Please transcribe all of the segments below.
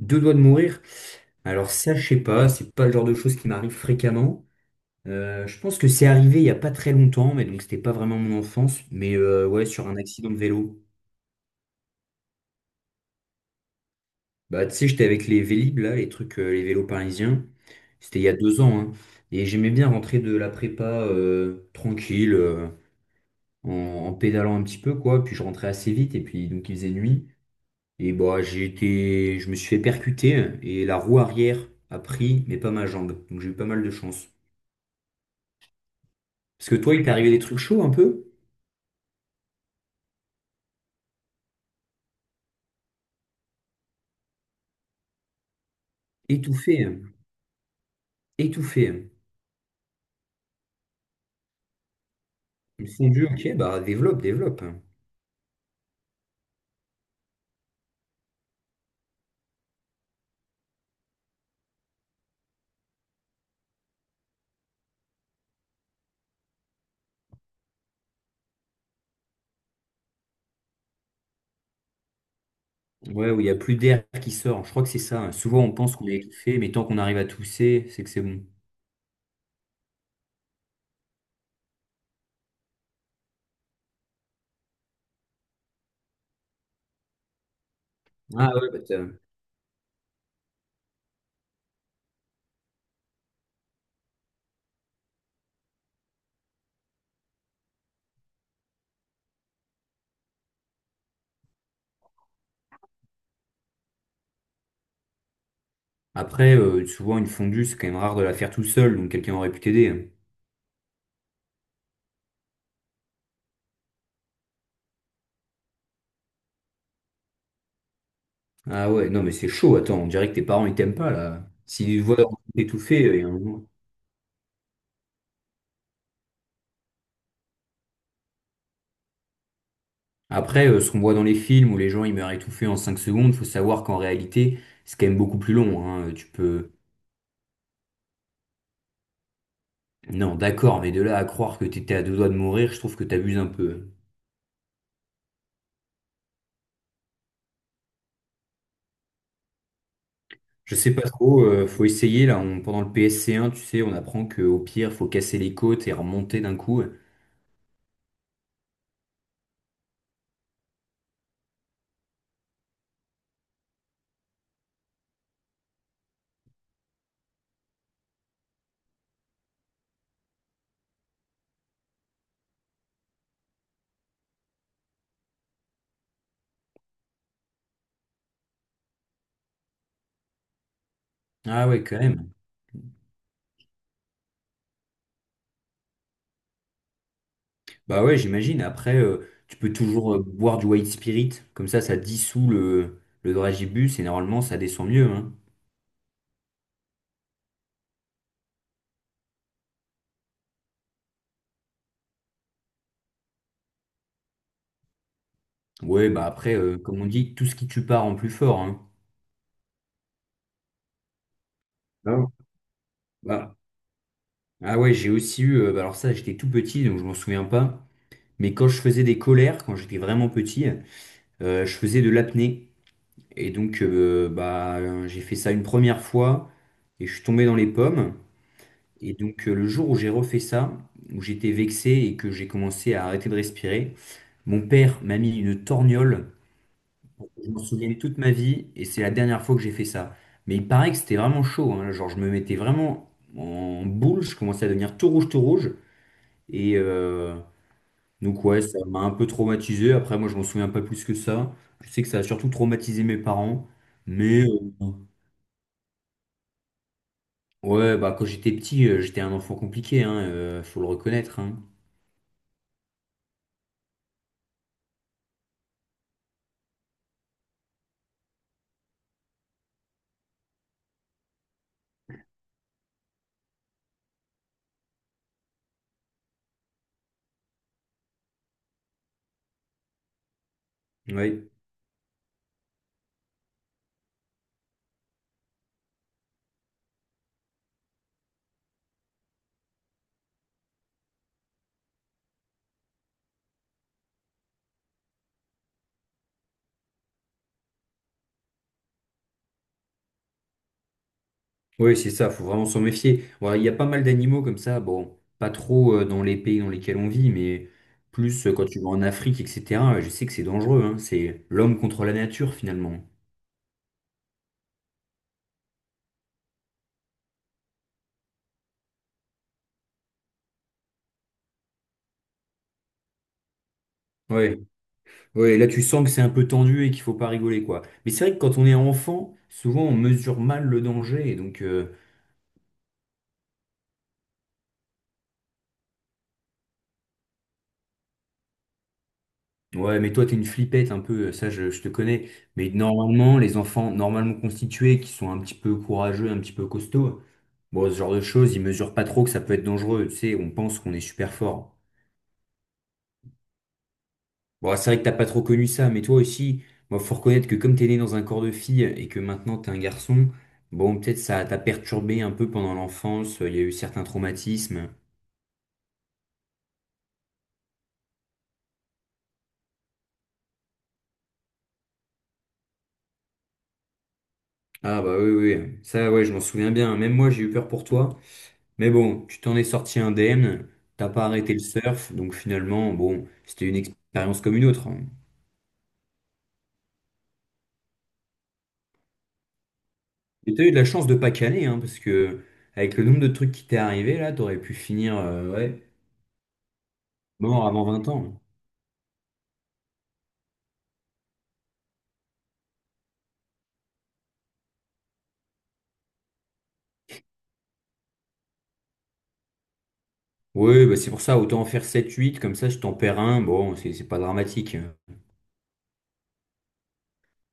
Deux doigts de mourir. Alors ça, je sais pas, c'est pas le genre de choses qui m'arrive fréquemment. Je pense que c'est arrivé il y a pas très longtemps, mais donc c'était pas vraiment mon enfance, mais ouais, sur un accident de vélo. Bah tu sais, j'étais avec les Vélib là, les trucs, les vélos parisiens. C'était il y a 2 ans, hein. Et j'aimais bien rentrer de la prépa, tranquille, en pédalant un petit peu, quoi. Puis je rentrais assez vite, et puis donc il faisait nuit. Et bah j'ai été, je me suis fait percuter, et la roue arrière a pris, mais pas ma jambe. Donc j'ai eu pas mal de chance. Parce que toi, il t'est arrivé des trucs chauds un peu? Étouffé, hein. Étouffé, hein. Une fondue, ok, bah développe, développe. Ouais, où il n'y a plus d'air qui sort, je crois que c'est ça, hein. Souvent, on pense qu'on est étouffé, mais tant qu'on arrive à tousser, c'est que c'est bon. Ah ouais, bah, après, souvent, une fondue, c'est quand même rare de la faire tout seul, donc quelqu'un aurait pu t'aider, hein. Ah ouais, non, mais c'est chaud, attends, on dirait que tes parents, ils t'aiment pas, là. S'ils voient étouffé, il y a un moment. Après, ce qu'on voit dans les films où les gens, ils meurent étouffés en 5 secondes, faut savoir qu'en réalité, c'est quand même beaucoup plus long, hein. Tu peux... Non, d'accord, mais de là à croire que t'étais à deux doigts de mourir, je trouve que t'abuses un peu. Je sais pas trop, faut essayer là, pendant le PSC1, tu sais, on apprend que au pire, faut casser les côtes et remonter d'un coup. Ah ouais, quand même. Bah ouais, j'imagine, après, tu peux toujours boire du white spirit, comme ça dissout le dragibus et normalement, ça descend mieux, hein. Ouais, bah après, comme on dit, tout ce qui tue part en plus fort, hein. Non. Bah, ah ouais, j'ai aussi eu, bah alors ça, j'étais tout petit, donc je m'en souviens pas, mais quand je faisais des colères, quand j'étais vraiment petit, je faisais de l'apnée et donc j'ai fait ça une première fois et je suis tombé dans les pommes. Et donc le jour où j'ai refait ça, où j'étais vexé et que j'ai commencé à arrêter de respirer, mon père m'a mis une torgnole pour que je m'en souviens toute ma vie et c'est la dernière fois que j'ai fait ça. Mais il paraît que c'était vraiment chaud, hein. Genre je me mettais vraiment en boule, je commençais à devenir tout rouge, tout rouge. Et, euh, Donc ouais, ça m'a un peu traumatisé. Après, moi, je m'en souviens pas plus que ça. Je sais que ça a surtout traumatisé mes parents. Mais euh, ouais, bah quand j'étais petit, j'étais un enfant compliqué, hein, faut le reconnaître, hein. Ouais. Ouais, c'est ça, faut vraiment s'en méfier. Ouais, il y a pas mal d'animaux comme ça, bon, pas trop dans les pays dans lesquels on vit, mais plus quand tu vas en Afrique, etc. Je sais que c'est dangereux, hein. C'est l'homme contre la nature finalement. Ouais. Ouais, là tu sens que c'est un peu tendu et qu'il faut pas rigoler quoi. Mais c'est vrai que quand on est enfant, souvent on mesure mal le danger et donc, ouais, mais toi t'es une flippette un peu, ça je te connais. Mais normalement les enfants normalement constitués qui sont un petit peu courageux, un petit peu costauds, bon ce genre de choses, ils mesurent pas trop que ça peut être dangereux. Tu sais, on pense qu'on est super fort. Bon c'est vrai que t'as pas trop connu ça, mais toi aussi, moi faut reconnaître que comme t'es né dans un corps de fille et que maintenant t'es un garçon, bon peut-être ça t'a perturbé un peu pendant l'enfance, il y a eu certains traumatismes. Ah bah oui, oui, oui. Ça ouais, je m'en souviens bien. Même moi, j'ai eu peur pour toi. Mais bon, tu t'en es sorti indemne, t'as pas arrêté le surf, donc finalement, bon, c'était une expérience comme une autre, hein. Et t'as eu de la chance de pas caler, hein, parce que avec le nombre de trucs qui t'est arrivé, là, t'aurais pu finir ouais, mort avant 20 ans. Oui, bah c'est pour ça, autant en faire sept huit comme ça je t'en perds un, bon, c'est pas dramatique, hein.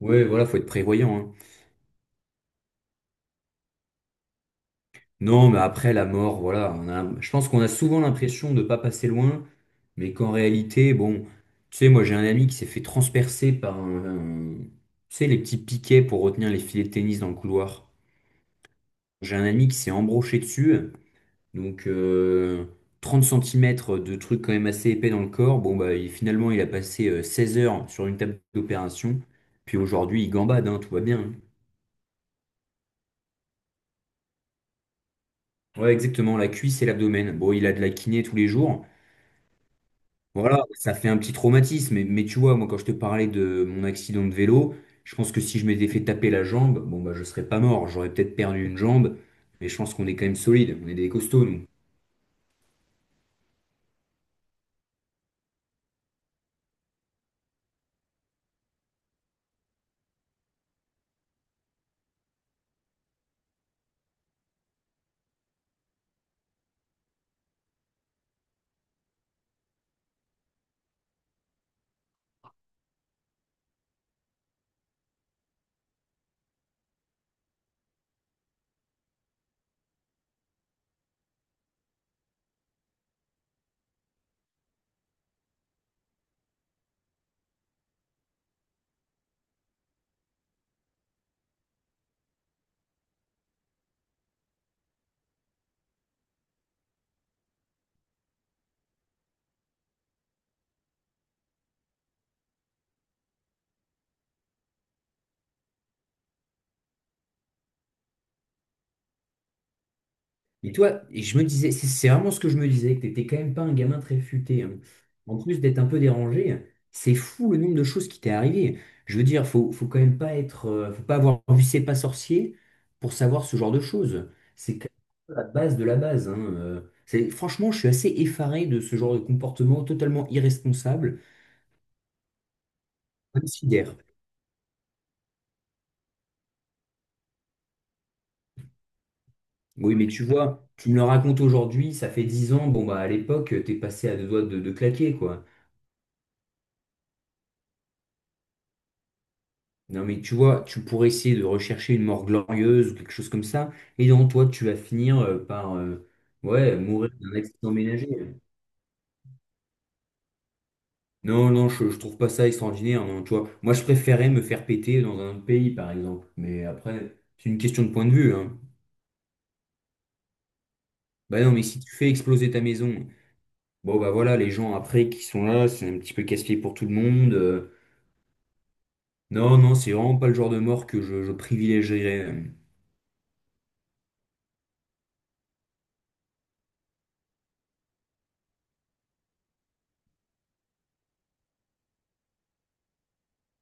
Ouais, voilà, faut être prévoyant, hein. Non, mais après la mort, voilà, on a, je pense qu'on a souvent l'impression de ne pas passer loin, mais qu'en réalité, bon, tu sais, moi j'ai un ami qui s'est fait transpercer tu sais, les petits piquets pour retenir les filets de tennis dans le couloir. J'ai un ami qui s'est embroché dessus, donc 30 cm de trucs quand même assez épais dans le corps. Bon, bah, finalement, il a passé 16 heures sur une table d'opération, puis aujourd'hui, il gambade, hein, tout va bien. Ouais, exactement, la cuisse et l'abdomen. Bon, il a de la kiné tous les jours. Voilà, ça fait un petit traumatisme. Mais tu vois, moi, quand je te parlais de mon accident de vélo, je pense que si je m'étais fait taper la jambe, bon, bah, je serais pas mort. J'aurais peut-être perdu une jambe, mais je pense qu'on est quand même solide. On est des costauds, nous. Et toi, et je me disais, c'est vraiment ce que je me disais, que t'étais quand même pas un gamin très futé, hein. En plus d'être un peu dérangé, c'est fou le nombre de choses qui t'est arrivé. Je veux dire, faut quand même pas être, faut pas avoir vu C'est pas sorcier pour savoir ce genre de choses. C'est quand même la base de la base, hein, C'est, franchement, je suis assez effaré de ce genre de comportement totalement irresponsable, considère. Oui, mais tu vois, tu me le racontes aujourd'hui, ça fait 10 ans, bon bah à l'époque, t'es passé à deux doigts de claquer, quoi. Non, mais tu vois, tu pourrais essayer de rechercher une mort glorieuse ou quelque chose comme ça, et dans toi, tu vas finir par ouais, mourir d'un accident ménager. Non, non, je trouve pas ça extraordinaire, non, tu vois. Moi, je préférais me faire péter dans un autre pays, par exemple. Mais après, c'est une question de point de vue, hein. Bah non, mais si tu fais exploser ta maison, bon, bah voilà, les gens après qui sont là, c'est un petit peu casse-pied pour tout le monde. Non, non, c'est vraiment pas le genre de mort que je privilégierais.